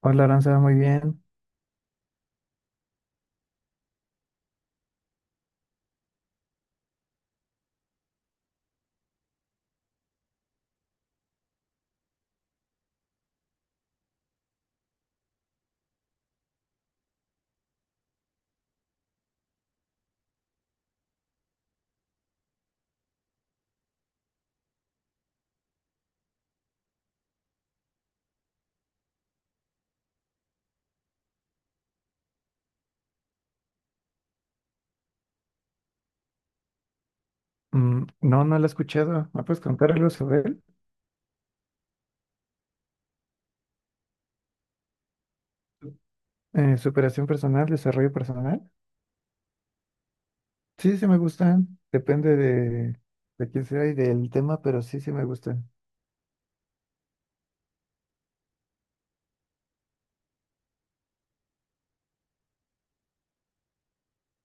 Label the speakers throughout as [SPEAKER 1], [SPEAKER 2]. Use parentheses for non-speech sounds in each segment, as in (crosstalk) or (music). [SPEAKER 1] Hola, Aranza, muy bien. Mm, no, no la he escuchado. ¿Me puedes contar algo sobre él? Superación personal, desarrollo personal. Sí, sí me gustan. Depende de quién sea y del tema, pero sí, sí me gustan.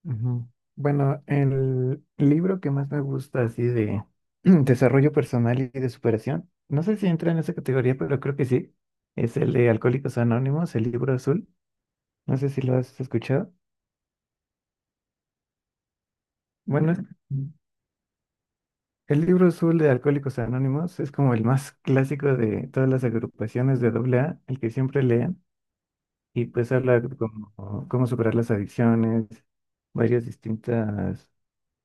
[SPEAKER 1] Ujú. Bueno, el libro que más me gusta, así de (clears throat) desarrollo personal y de superación, no sé si entra en esa categoría, pero creo que sí. Es el de Alcohólicos Anónimos, el libro azul. No sé si lo has escuchado. Bueno, Ujú. El libro azul de Alcohólicos Anónimos es como el más clásico de todas las agrupaciones de AA, el que siempre leen, y pues habla de cómo, cómo superar las adicciones, varias distintas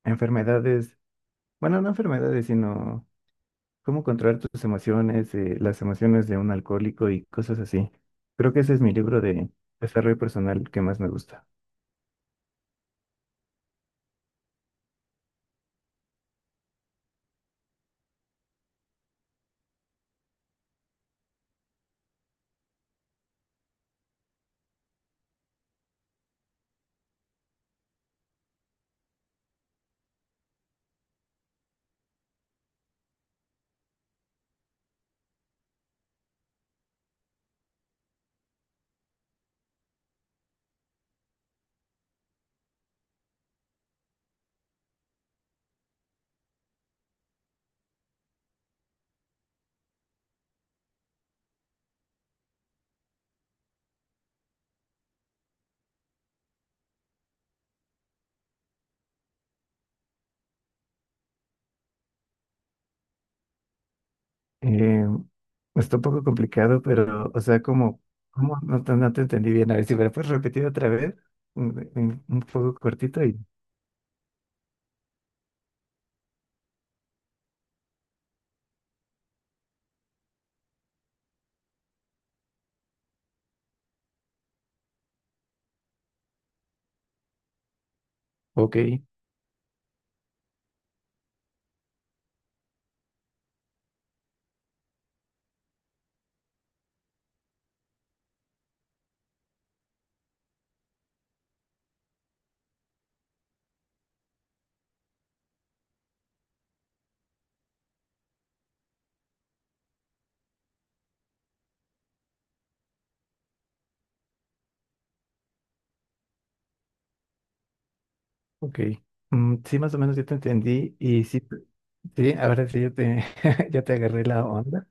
[SPEAKER 1] enfermedades, bueno, no enfermedades, sino cómo controlar tus emociones, las emociones de un alcohólico y cosas así. Creo que ese es mi libro de desarrollo personal que más me gusta. Eh, Está un poco complicado, pero, o sea, como, ¿cómo? No, te no te entendí bien. A ver si me lo puedes repetir otra vez, un poco cortito y... Ok, ok. Mm, sí, más o menos yo te entendí y sí, sí, ahora sí ya te, (laughs) ya te agarré la onda.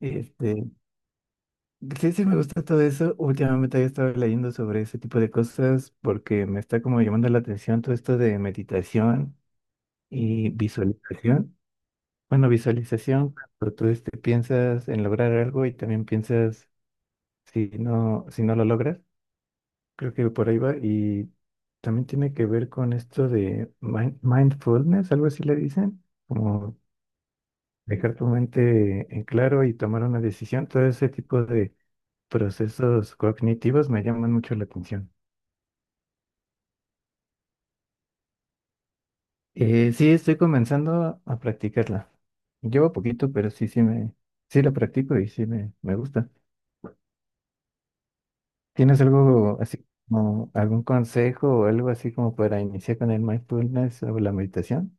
[SPEAKER 1] Este, sí, sí, me gusta todo eso. Últimamente había estado leyendo sobre ese tipo de cosas porque me está como llamando la atención todo esto de meditación y visualización. Bueno, visualización, pero tú este, piensas en lograr algo y también piensas si no, si no lo logras. Creo que por ahí va. Y también tiene que ver con esto de mindfulness, algo así le dicen, como dejar tu mente en claro y tomar una decisión. Todo ese tipo de procesos cognitivos me llaman mucho la atención. Sí, estoy comenzando a practicarla. Llevo poquito, pero sí, sí la practico y sí me gusta. ¿Tienes algo así como algún consejo o algo así como para iniciar con el mindfulness o la meditación?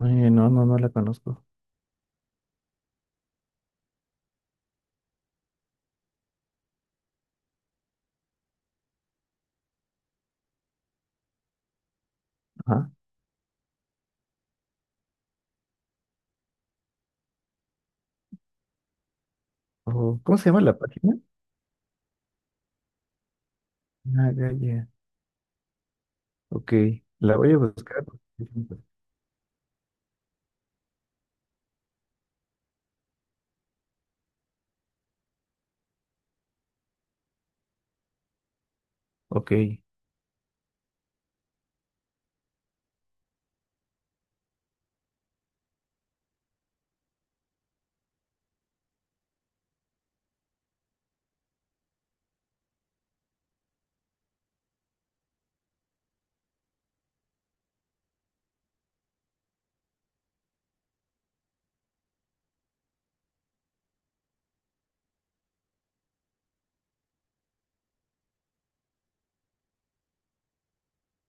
[SPEAKER 1] Oye, no, no, no la conozco. Ajá. O, ¿cómo se llama la página? Ah, ya, ya. Ok, la voy a buscar. Ok,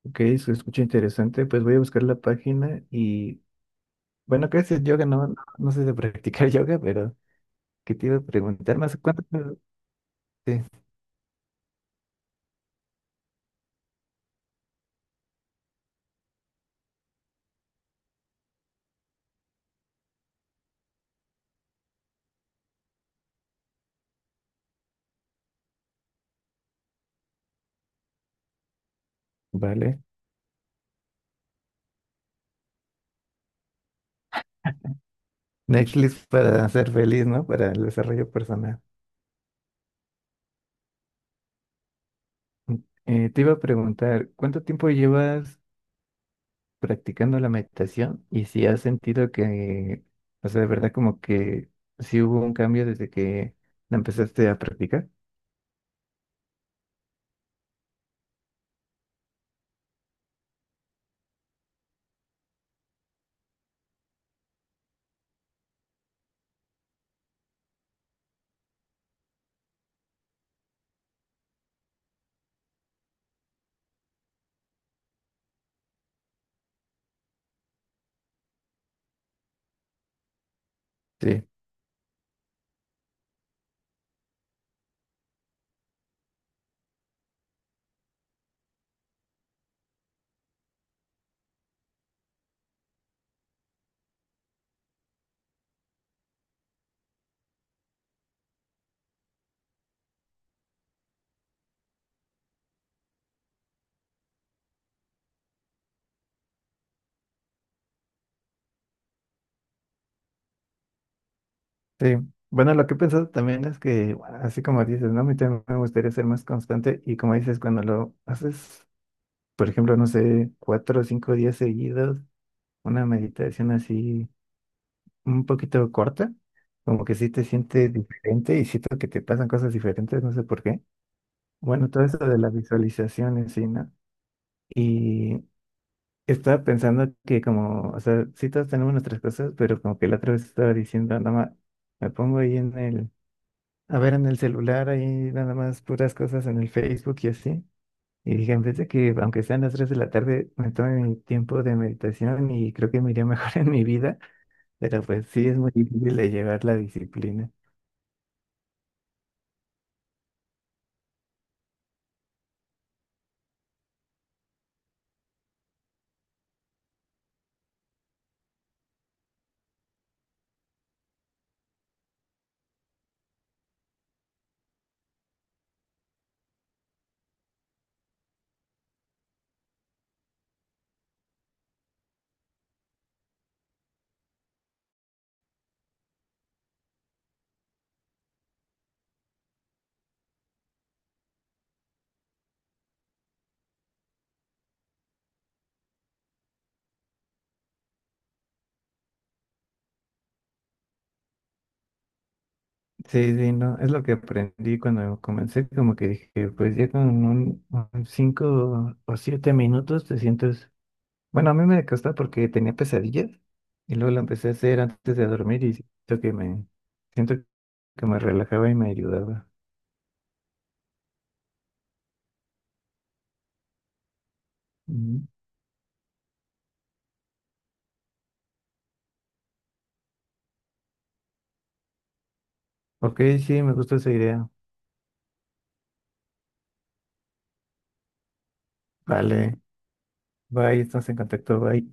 [SPEAKER 1] ok, se escucha interesante. Pues voy a buscar la página y bueno, ¿qué es el yoga? No, no, no sé de (laughs) practicar yoga, pero que te iba a preguntar más cuánto. Sí, vale. Netflix para ser feliz, ¿no? Para el desarrollo personal. Te iba a preguntar, ¿cuánto tiempo llevas practicando la meditación? Y si has sentido que, o sea, de verdad como que sí hubo un cambio desde que la empezaste a practicar. Sí, sí. Bueno, lo que he pensado también es que, bueno, así como dices, ¿no? A mí también me gustaría ser más constante y como dices, cuando lo haces, por ejemplo, no sé, 4 o 5 días seguidos, una meditación así un poquito corta, como que sí te sientes diferente y siento que te pasan cosas diferentes, no sé por qué. Bueno, todo eso de las visualizaciones, sí, ¿no? Y estaba pensando que como, o sea, sí todos tenemos nuestras cosas, pero como que la otra vez estaba diciendo, nada más, me pongo ahí en a ver en el celular, ahí nada más puras cosas en el Facebook y así. Y dije, en vez de que, aunque sean las 3 de la tarde, me tome mi tiempo de meditación y creo que me iría mejor (laughs) en mi vida, pero pues sí es muy difícil de llevar la disciplina. Sí, sí, no, es lo que aprendí cuando comencé, como que dije, pues ya con un 5 o 7 minutos te sientes, bueno, a mí me costó porque tenía pesadillas y luego lo empecé a hacer antes de dormir y siento que me relajaba y me ayudaba. Ujú. Ok, sí, me gusta esa idea. Vale, bye, estamos en contacto, bye.